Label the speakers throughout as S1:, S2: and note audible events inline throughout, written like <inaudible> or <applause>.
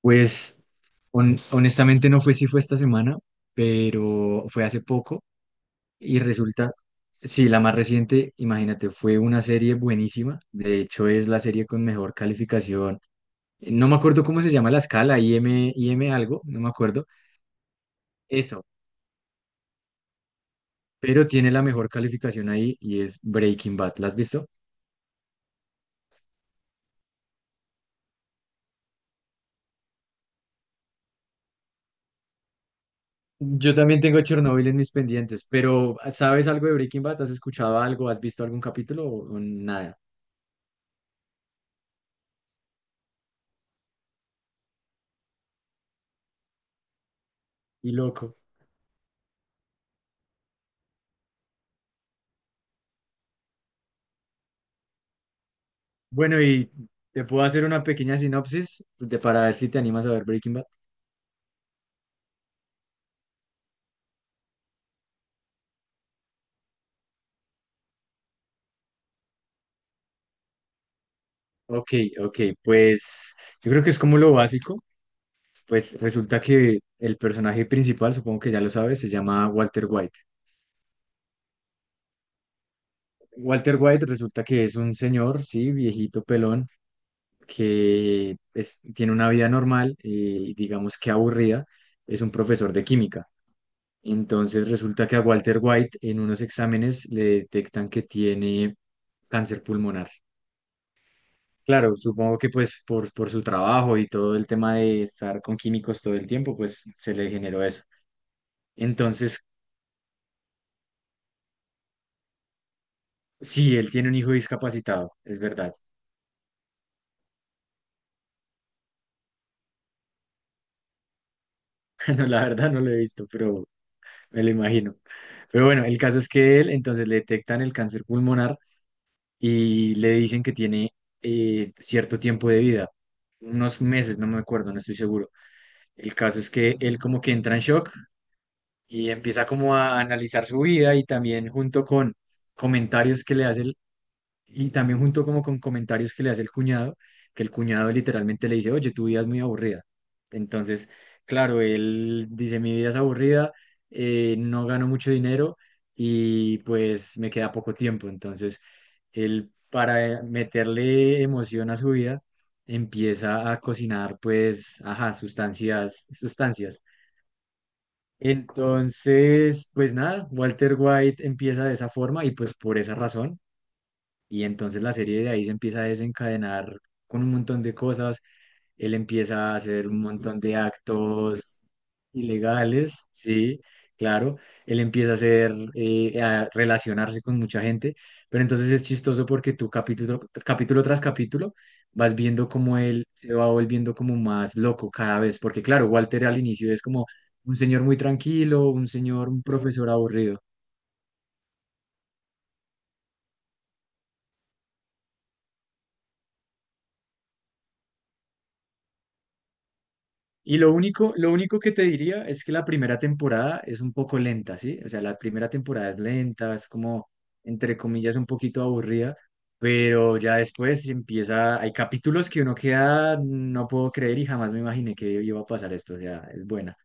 S1: Pues honestamente no fue si fue esta semana, pero fue hace poco y resulta, sí, la más reciente, imagínate, fue una serie buenísima. De hecho, es la serie con mejor calificación. No me acuerdo cómo se llama la escala, i m algo, no me acuerdo. Eso, pero tiene la mejor calificación ahí y es Breaking Bad. ¿La has visto? Yo también tengo Chernobyl en mis pendientes, pero ¿sabes algo de Breaking Bad? ¿Has escuchado algo? ¿Has visto algún capítulo o nada? Y loco. Bueno, y te puedo hacer una pequeña sinopsis de, para ver si te animas a ver Breaking Bad. Ok, ok, pues yo creo que es como lo básico. Pues resulta que el personaje principal, supongo que ya lo sabes, se llama Walter White. Walter White resulta que es un señor, sí, viejito pelón, tiene una vida normal y digamos que aburrida. Es un profesor de química. Entonces resulta que a Walter White en unos exámenes le detectan que tiene cáncer pulmonar. Claro, supongo que pues por su trabajo y todo el tema de estar con químicos todo el tiempo, pues se le generó eso. Entonces, sí, él tiene un hijo discapacitado, es verdad. <laughs> No, la verdad no lo he visto, pero me lo imagino. Pero bueno, el caso es que él, entonces le detectan el cáncer pulmonar y le dicen que tiene cierto tiempo de vida, unos meses, no me acuerdo, no estoy seguro. El caso es que él como que entra en shock y empieza como a analizar su vida y también junto con comentarios que le hace Y también junto como con comentarios que le hace el cuñado, que el cuñado literalmente le dice, oye, tu vida es muy aburrida. Entonces, claro, él dice, mi vida es aburrida, no gano mucho dinero y pues me queda poco tiempo. Entonces, él para meterle emoción a su vida, empieza a cocinar pues, ajá, sustancias, sustancias. Entonces, pues nada, Walter White empieza de esa forma y pues por esa razón y entonces la serie de ahí se empieza a desencadenar con un montón de cosas. Él empieza a hacer un montón de actos ilegales, sí, claro. Él empieza a hacer, a relacionarse con mucha gente. Pero entonces es chistoso porque tú capítulo, capítulo tras capítulo vas viendo cómo él se va volviendo como más loco cada vez. Porque claro, Walter al inicio es como un señor muy tranquilo, un señor, un profesor aburrido. Y lo único que te diría es que la primera temporada es un poco lenta, ¿sí? O sea, la primera temporada es lenta, es como, entre comillas, un poquito aburrida, pero ya después empieza, hay capítulos que uno queda, no puedo creer y jamás me imaginé que iba a pasar esto, o sea, es buena.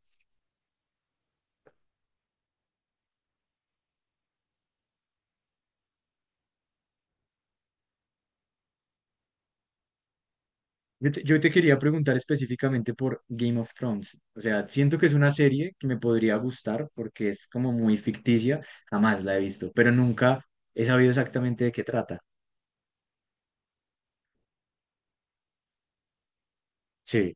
S1: Yo te quería preguntar específicamente por Game of Thrones, o sea, siento que es una serie que me podría gustar porque es como muy ficticia, jamás la he visto, pero nunca he sabido exactamente de qué trata. Sí.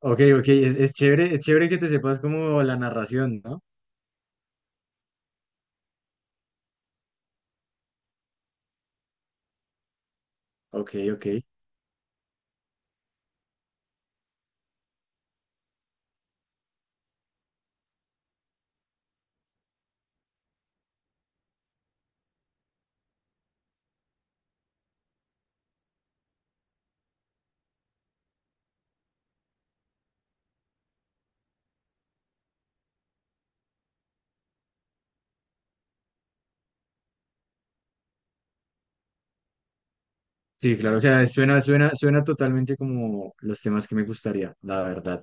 S1: Ok, ok, es chévere que te sepas como la narración, ¿no? Ok, ok. Sí, claro, o sea, suena, suena, suena totalmente como los temas que me gustaría, la verdad.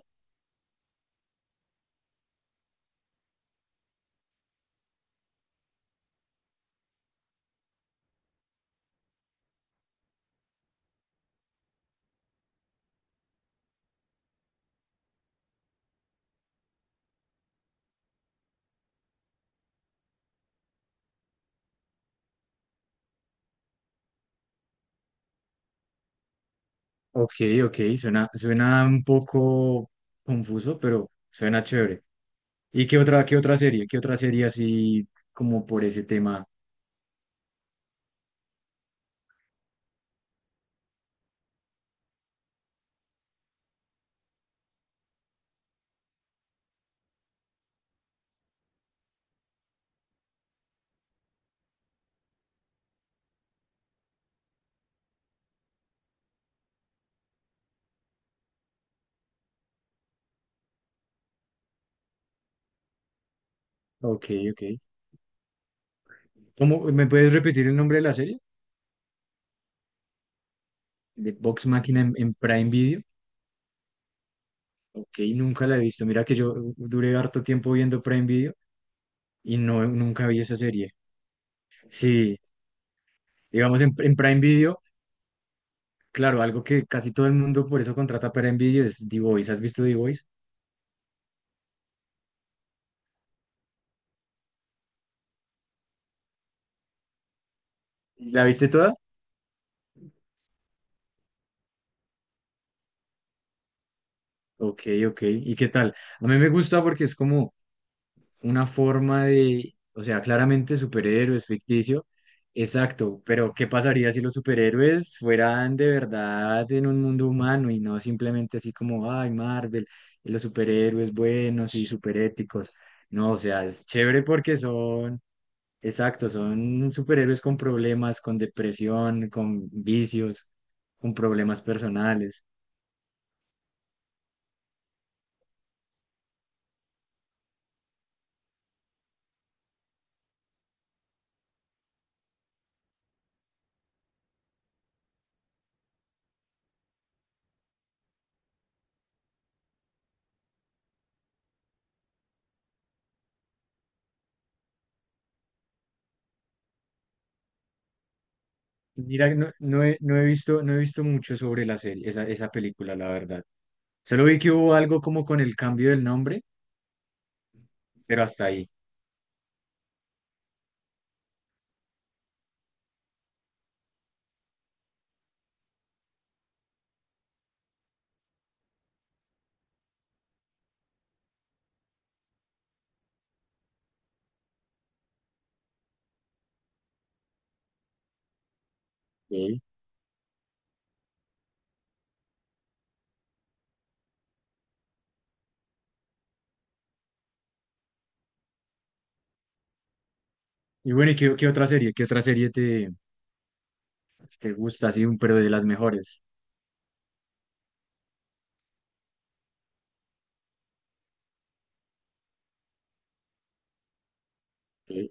S1: Ok, ok, suena, suena un poco confuso, pero suena chévere. ¿Y qué otra serie? ¿Qué otra serie así como por ese tema? Ok, ok. ¿Cómo, me puedes repetir el nombre de la serie? De Vox Máquina en Prime Video. Ok, nunca la he visto. Mira que yo duré harto tiempo viendo Prime Video y no, nunca vi esa serie. Sí, digamos en Prime Video, claro, algo que casi todo el mundo por eso contrata Prime Video es The Voice. ¿Has visto The Voice? ¿La viste toda? Ok, ok. ¿Y qué tal? A mí me gusta porque es como una forma de, o sea, claramente superhéroes, ficticio. Exacto, pero ¿qué pasaría si los superhéroes fueran de verdad en un mundo humano y no simplemente así como, ay, Marvel, y los superhéroes buenos y superéticos? No, o sea, es chévere porque son Exacto, son superhéroes con problemas, con depresión, con vicios, con problemas personales. Mira, no, no he visto, no he visto mucho sobre la serie, esa película, la verdad. Solo vi que hubo algo como con el cambio del nombre, pero hasta ahí. Ok. Y bueno, ¿y qué, qué otra serie? ¿Qué otra serie te, te gusta, así, pero de las mejores? Ok.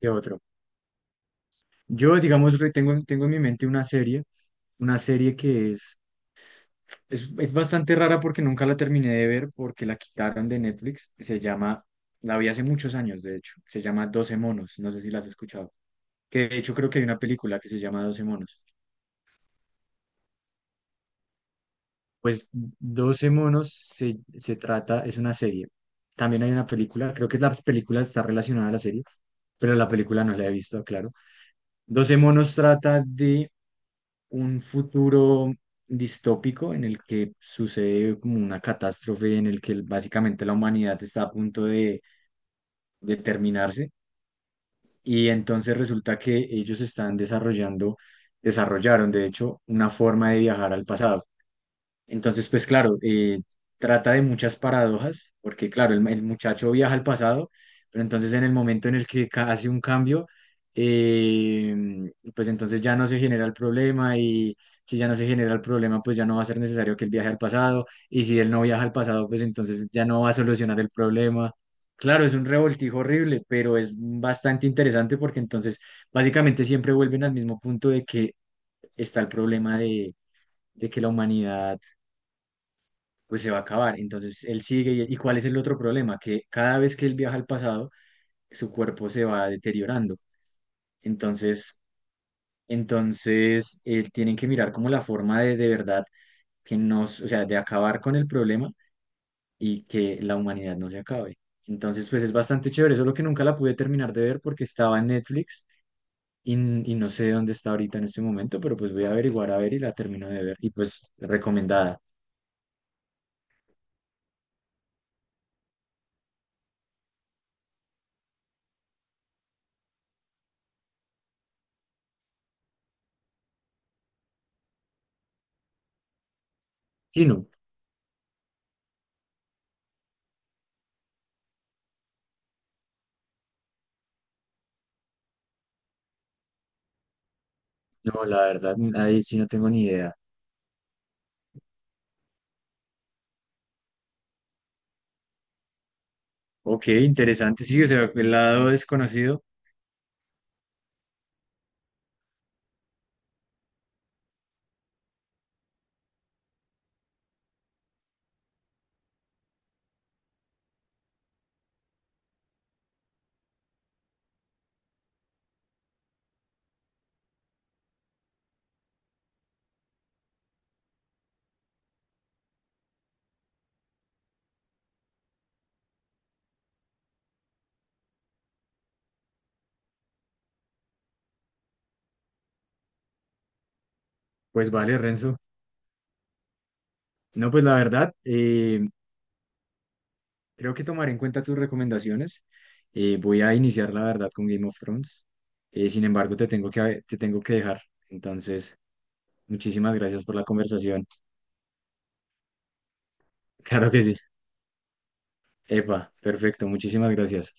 S1: ¿Qué otro? Yo, digamos, tengo, tengo en mi mente una serie que es. Es bastante rara porque nunca la terminé de ver porque la quitaron de Netflix. Se llama, la vi hace muchos años, de hecho. Se llama doce monos. No sé si la has escuchado. Que de hecho creo que hay una película que se llama doce monos. Pues doce monos se, se trata, es una serie. También hay una película, creo que la película está relacionada a la serie, pero la película no la he visto, claro. Doce monos trata de un futuro distópico en el que sucede como una catástrofe, en el que básicamente la humanidad está a punto de terminarse. Y entonces resulta que ellos están desarrollando, desarrollaron de hecho una forma de viajar al pasado. Entonces, pues claro, trata de muchas paradojas, porque claro, el muchacho viaja al pasado, pero entonces en el momento en el que hace un cambio, eh, pues entonces ya no se genera el problema y si ya no se genera el problema, pues ya no va a ser necesario que él viaje al pasado y si él no viaja al pasado, pues entonces ya no va a solucionar el problema. Claro, es un revoltijo horrible, pero es bastante interesante porque entonces básicamente siempre vuelven al mismo punto de que está el problema de que la humanidad pues se va a acabar. Entonces él sigue. ¿Y cuál es el otro problema? Que cada vez que él viaja al pasado, su cuerpo se va deteriorando. Entonces, entonces tienen que mirar como la forma de verdad que nos, o sea, de acabar con el problema y que la humanidad no se acabe. Entonces, pues es bastante chévere, solo que nunca la pude terminar de ver porque estaba en Netflix y, y no sé dónde está ahorita en este momento, pero pues voy a averiguar a ver y la termino de ver. Y pues recomendada. Sí, no, no, la verdad, ahí sí no tengo ni idea. Ok, interesante, sí, o sea, el lado desconocido, pues vale, Renzo. No, pues la verdad, creo que tomaré en cuenta tus recomendaciones. Voy a iniciar, la verdad, con Game of Thrones. Sin embargo, te tengo que dejar. Entonces, muchísimas gracias por la conversación. <laughs> Claro que sí. Epa, perfecto, muchísimas gracias.